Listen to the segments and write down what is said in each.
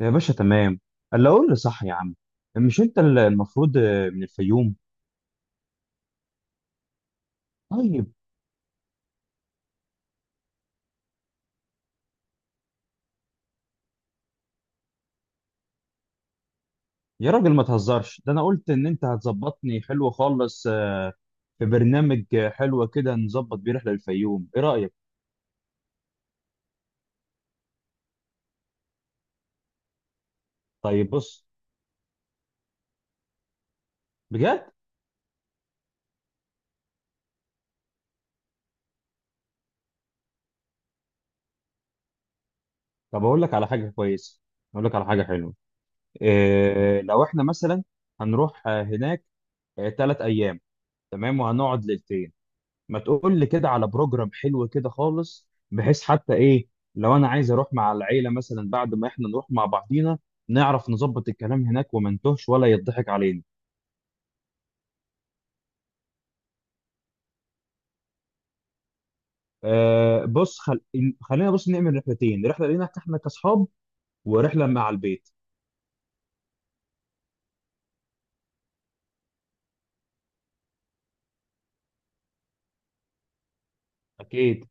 يا باشا، تمام. اللي اقول لي صح يا عم. مش انت اللي المفروض من الفيوم؟ طيب. يا راجل ما تهزرش، ده انا قلت ان انت هتظبطني حلو خالص. في برنامج حلو كده نظبط بيه رحله للفيوم، ايه رايك؟ طيب بص. بجد. طب اقول لك على حاجه كويسه. اقول لك على حاجه حلوه. إيه لو احنا مثلا هنروح هناك 3 ايام؟ تمام، وهنقعد ليلتين. ما تقول لي كده على بروجرام حلو كده خالص، بحيث حتى ايه لو انا عايز اروح مع العيله مثلا بعد ما احنا نروح مع بعضينا، نعرف نظبط الكلام هناك وما نتوهش ولا يضحك علينا. آه بص. خلينا بص نعمل رحلتين، رحله لينا احنا كاصحاب ورحله مع البيت. اكيد.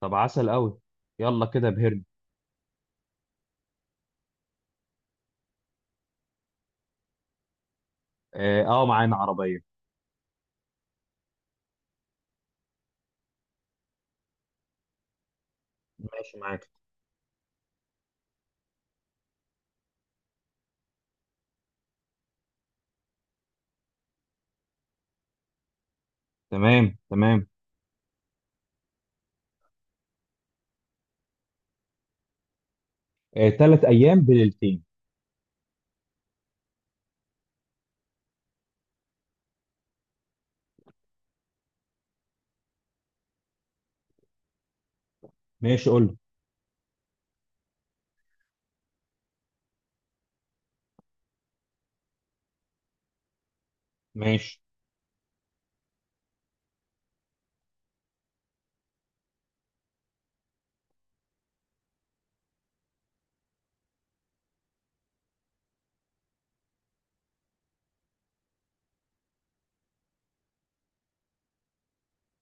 طب عسل قوي. يلا كده بهرن. اه، معانا عربيه. ماشي معاك. تمام، تمام. آه، 3 ايام بليلتين. ماشي، قول. ماشي.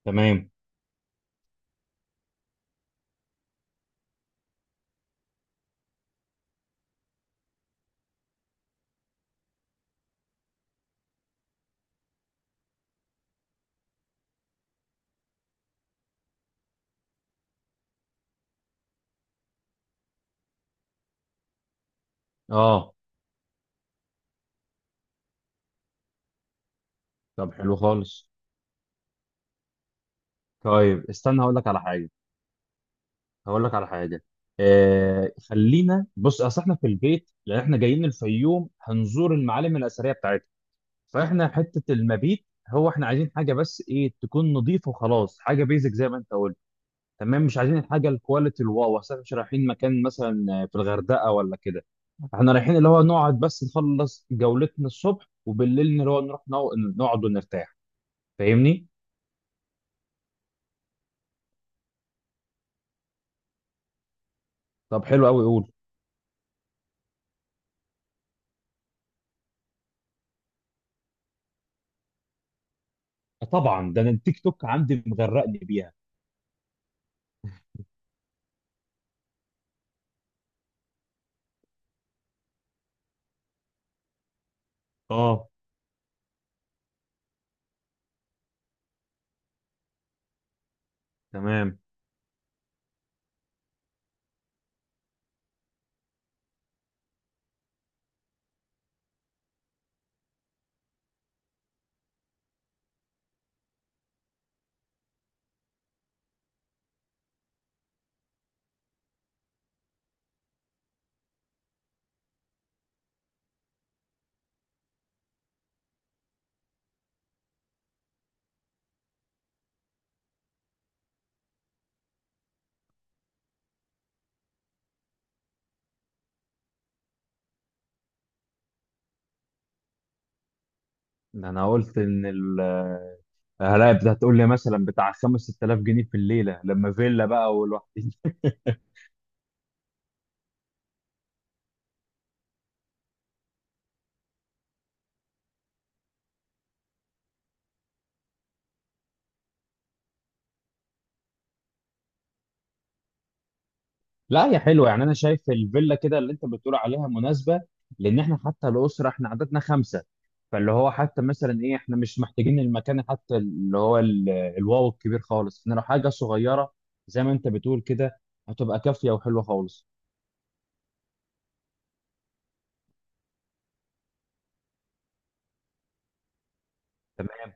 تمام. اه. طب حلو خالص. طيب استنى، هقول لك على حاجه. هقول لك على حاجه. آه خلينا بص، اصل احنا في البيت لان احنا جايين الفيوم هنزور المعالم الاثريه بتاعتها. فاحنا حته المبيت، هو احنا عايزين حاجه بس ايه تكون نظيفه وخلاص، حاجه بيزك زي ما انت قلت. تمام. مش عايزين الحاجه الكواليتي الواو، اصل احنا مش رايحين مكان مثلا في الغردقه ولا كده. احنا رايحين اللي هو نقعد بس نخلص جولتنا الصبح، وبالليل اللي هو نروح نقعد ونرتاح. فاهمني. طب حلو قوي، قول. طبعا، ده انا التيك توك عندي مغرقني بيها. اه. تمام. ده انا قلت ان هلاقي هتقول لي مثلا بتاع 5 6000 جنيه في الليله لما فيلا بقى والوحدين. لا يا حلوه، يعني انا شايف الفيلا كده اللي انت بتقول عليها مناسبه. لان احنا حتى الاسره احنا عددنا خمسه. فاللي هو حتى مثلا ايه، احنا مش محتاجين المكان حتى اللي هو الواو الكبير خالص. احنا لو حاجه صغيره زي ما انت بتقول كده، هتبقى كافيه وحلوه خالص. تمام.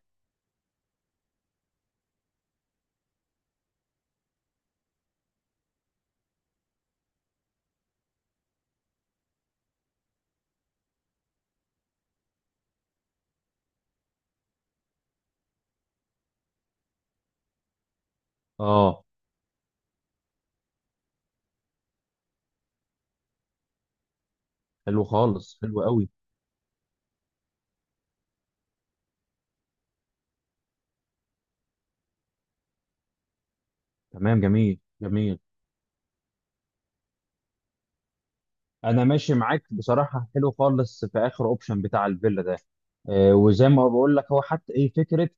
اه، حلو خالص، حلو قوي. تمام، جميل جميل. انا ماشي معاك بصراحه، حلو خالص في اخر اوبشن بتاع الفيلا ده. وزي ما بقول لك، هو حتى ايه فكره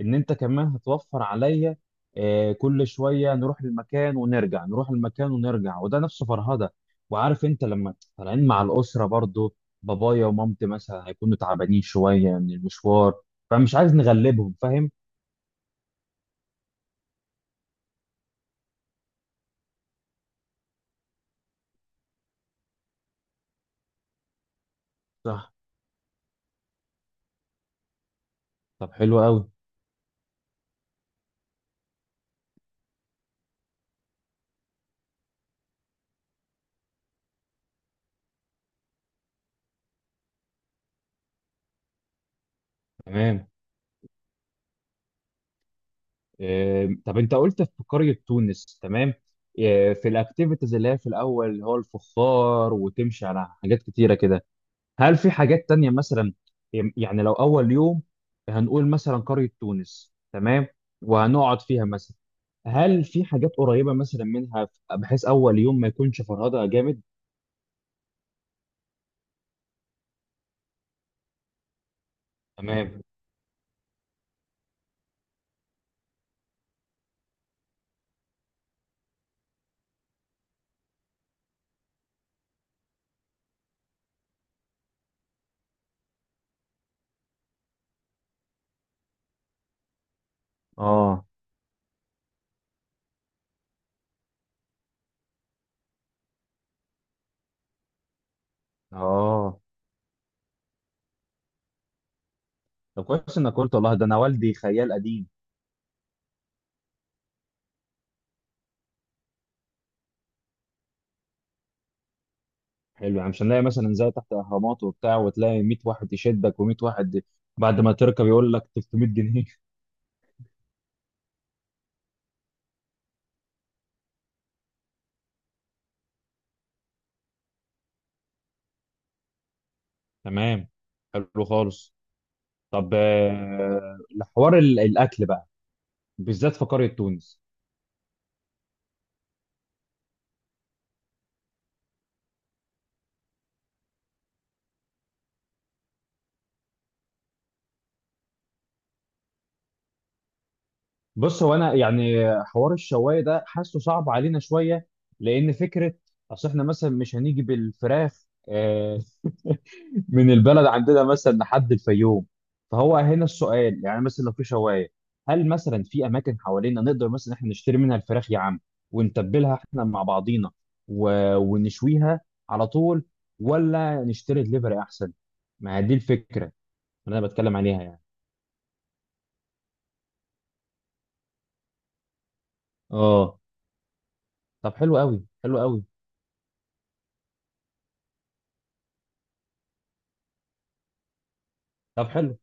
ان انت كمان هتوفر عليا. كل شويه نروح المكان ونرجع، نروح المكان ونرجع، وده نفسه فرهده. وعارف انت لما طالعين مع الاسره برضو، بابايا ومامتي مثلا هيكونوا تعبانين شويه من المشوار، فمش عايز نغلبهم، فاهم. صح. طب حلو قوي. تمام. طب انت قلت في قرية تونس، تمام. في الاكتيفيتيز اللي هي في الاول اللي هو الفخار، وتمشي على حاجات كتيرة كده. هل في حاجات تانية مثلا؟ يعني لو اول يوم هنقول مثلا قرية تونس، تمام، وهنقعد فيها مثلا، هل في حاجات قريبة مثلا منها بحيث اول يوم ما يكونش فرهدة جامد؟ تمام. اه. اه. طب كويس انك قلت، والله ده انا والدي خيال قديم. حلو، يعني مش هنلاقي مثلا زي تحت اهرامات وبتاع وتلاقي 100 واحد يشدك و100 واحد بعد ما تركب يقول لك 300 جنيه؟ تمام، حلو خالص. طب حوار الاكل بقى، بالذات في قريه تونس. بص هو انا يعني حوار الشوايه ده حاسه صعب علينا شويه، لان فكره اصل احنا مثلا مش هنيجي بالفراخ من البلد عندنا مثلا لحد الفيوم. فهو هنا السؤال، يعني مثلا لو في شوايه، هل مثلا في اماكن حوالينا نقدر مثلا احنا نشتري منها الفراخ يا عم، ونتبلها احنا مع بعضينا و... ونشويها على طول، ولا نشتري دليفري احسن؟ ما هي دي الفكره اللي انا بتكلم عليها يعني. اه. طب حلو قوي، حلو قوي. طب حلو.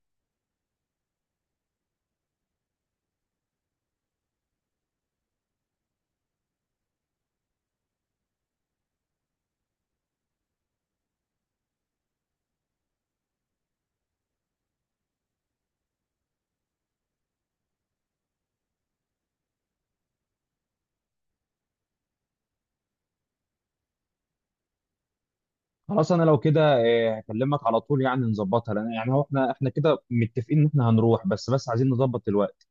خلاص انا لو كده هكلمك على طول يعني نظبطها، لان يعني هو احنا كده متفقين ان احنا هنروح، بس عايزين نظبط الوقت.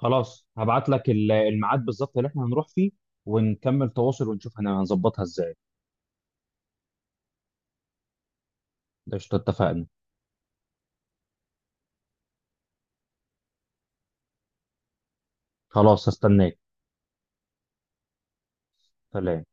خلاص هبعت لك الميعاد بالظبط اللي احنا هنروح فيه، ونكمل تواصل ونشوف هنظبطها ازاي. ده قشطة، اتفقنا. خلاص هستناك. سلام.